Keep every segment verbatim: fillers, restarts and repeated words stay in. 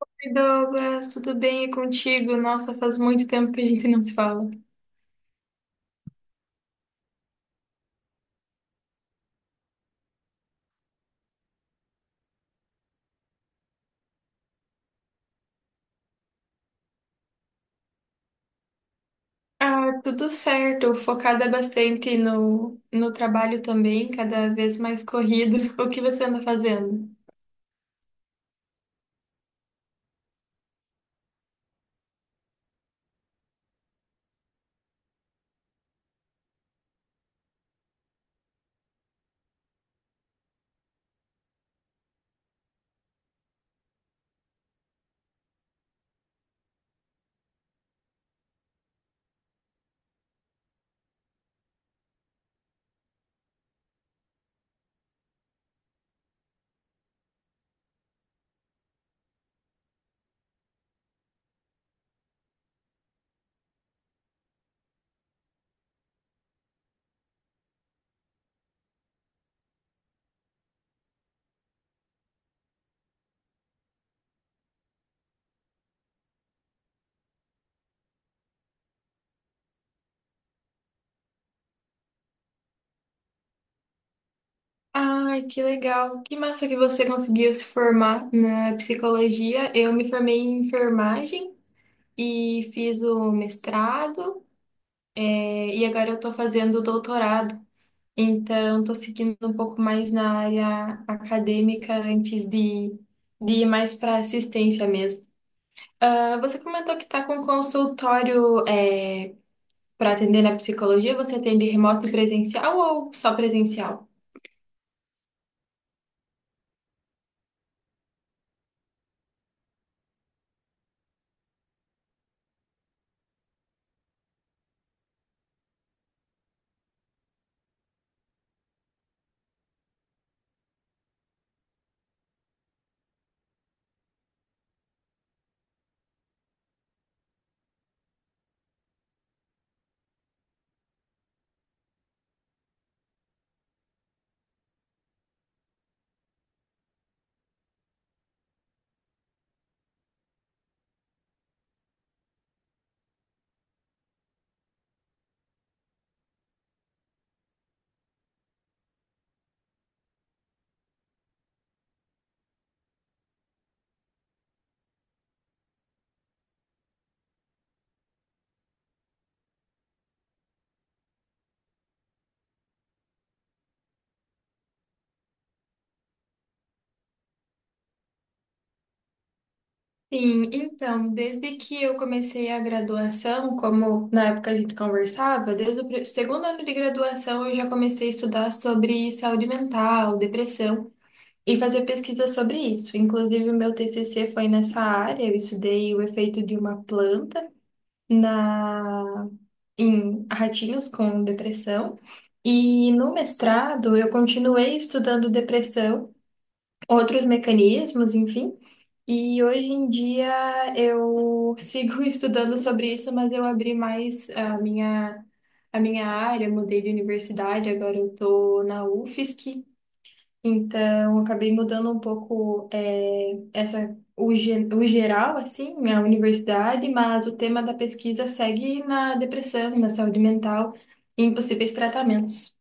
Oi, Douglas, tudo bem e contigo? Nossa, faz muito tempo que a gente não se fala. Ah, tudo certo, focada bastante no, no trabalho também, cada vez mais corrido. O que você anda fazendo? Ai, que legal. Que massa que você conseguiu se formar na psicologia. Eu me formei em enfermagem e fiz o mestrado, eh, e agora eu tô fazendo o doutorado. Então, estou seguindo um pouco mais na área acadêmica antes de, de ir mais para assistência mesmo. Ah, você comentou que está com consultório, para atender na psicologia. Você atende remoto e presencial ou só presencial? Sim, então, desde que eu comecei a graduação, como na época a gente conversava, desde o pri- segundo ano de graduação eu já comecei a estudar sobre saúde mental, depressão e fazer pesquisa sobre isso. Inclusive, o meu T C C foi nessa área, eu estudei o efeito de uma planta na em ratinhos com depressão. E no mestrado, eu continuei estudando depressão, outros mecanismos, enfim. E hoje em dia eu sigo estudando sobre isso, mas eu abri mais a minha, a minha área, mudei de universidade, agora eu estou na U F S C. Então, eu acabei mudando um pouco eh, essa, o, ge- o geral, assim, né, a universidade, mas o tema da pesquisa segue na depressão, na saúde mental e em possíveis tratamentos.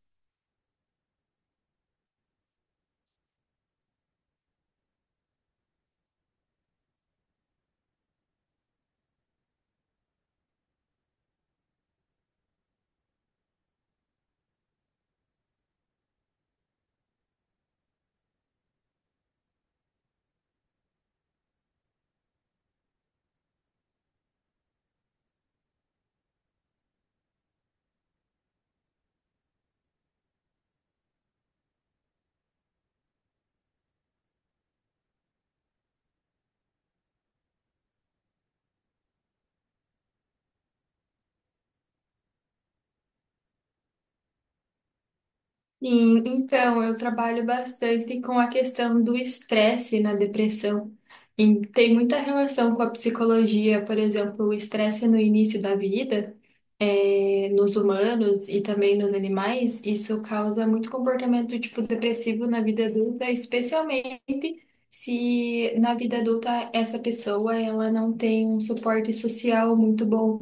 Sim, então eu trabalho bastante com a questão do estresse na depressão. E tem muita relação com a psicologia, por exemplo, o estresse no início da vida, eh, nos humanos e também nos animais, isso causa muito comportamento tipo depressivo na vida adulta, especialmente se na vida adulta essa pessoa ela não tem um suporte social muito bom.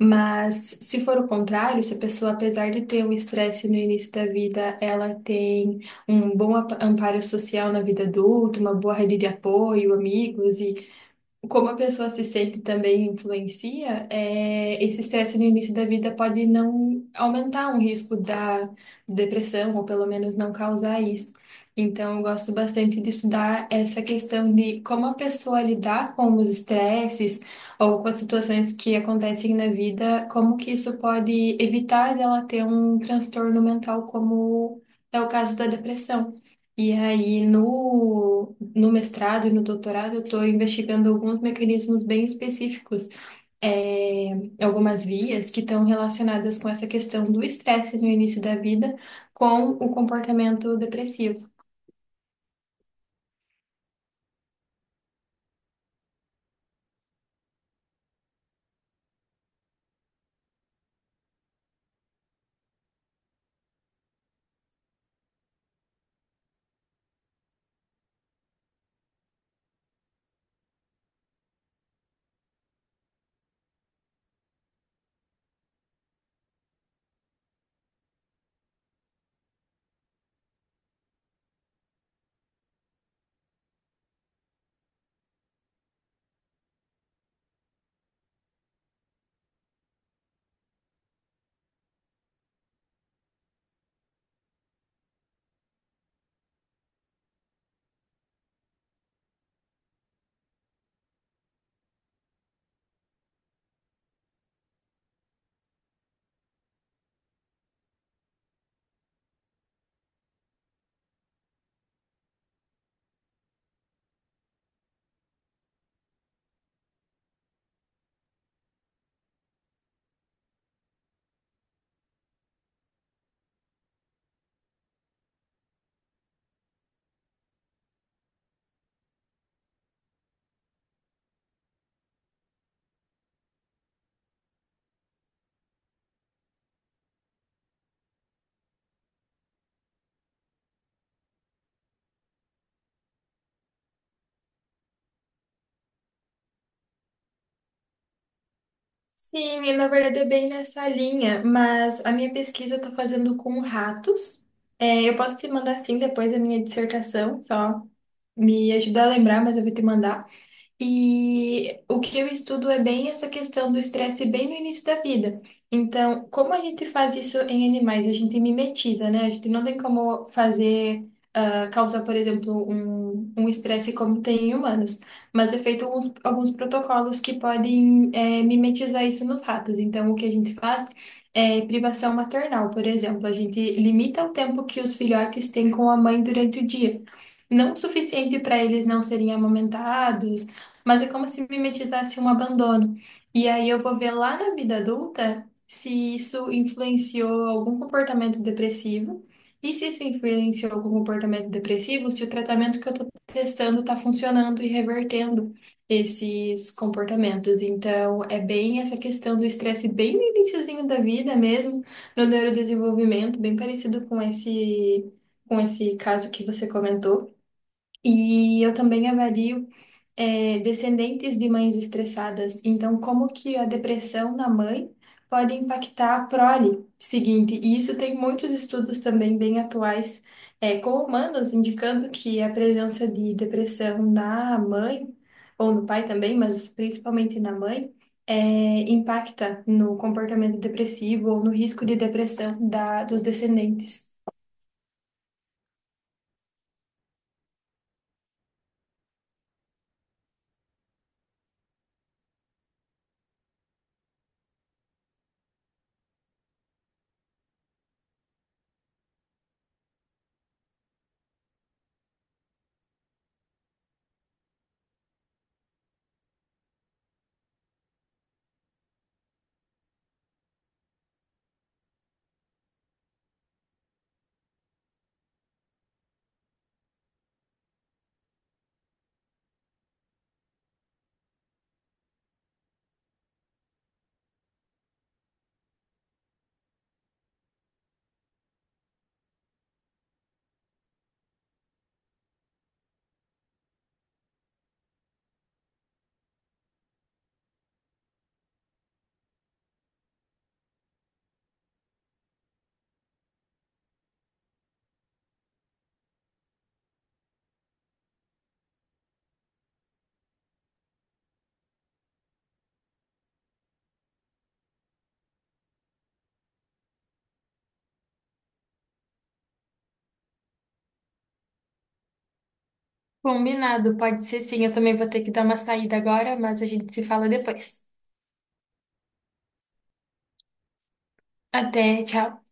Mas se for o contrário, se a pessoa, apesar de ter um estresse no início da vida, ela tem um bom apa- amparo social na vida adulta, uma boa rede de apoio, amigos, como a pessoa se sente também influencia, é, esse estresse no início da vida pode não aumentar um risco da depressão, ou pelo menos não causar isso. Então, eu gosto bastante de estudar essa questão de como a pessoa lidar com os estresses ou com as situações que acontecem na vida, como que isso pode evitar dela ter um transtorno mental, como é o caso da depressão. E aí, no no mestrado e no doutorado, eu estou investigando alguns mecanismos bem específicos, é, algumas vias que estão relacionadas com essa questão do estresse no início da vida com o comportamento depressivo. Sim, e na verdade é bem nessa linha, mas a minha pesquisa eu estou fazendo com ratos. É, eu posso te mandar sim depois a minha dissertação, só me ajudar a lembrar, mas eu vou te mandar. E o que eu estudo é bem essa questão do estresse bem no início da vida. Então, como a gente faz isso em animais? A gente mimetiza, né? A gente não tem como fazer, ah, causar, por exemplo, um, um estresse como tem em humanos. Mas é feito alguns, alguns protocolos que podem, eh, mimetizar isso nos ratos. Então, o que a gente faz é privação maternal, por exemplo. A gente limita o tempo que os filhotes têm com a mãe durante o dia. Não o suficiente para eles não serem amamentados, mas é como se mimetizasse um abandono. E aí eu vou ver lá na vida adulta se isso influenciou algum comportamento depressivo. E se isso influenciou algum comportamento depressivo, se o tratamento que eu estou testando está funcionando e revertendo esses comportamentos. Então, é bem essa questão do estresse, bem no iniciozinho da vida mesmo, no neurodesenvolvimento, bem parecido com esse, com esse caso que você comentou. E eu também avalio eh, descendentes de mães estressadas. Então, como que a depressão na mãe pode impactar a prole seguinte? E isso tem muitos estudos também bem atuais, eh, com humanos indicando que a presença de depressão na mãe, ou no pai também, mas principalmente na mãe, eh, impacta no comportamento depressivo ou no risco de depressão da, dos descendentes. Combinado, pode ser sim. Eu também vou ter que dar uma saída agora, mas a gente se fala depois. Até, tchau.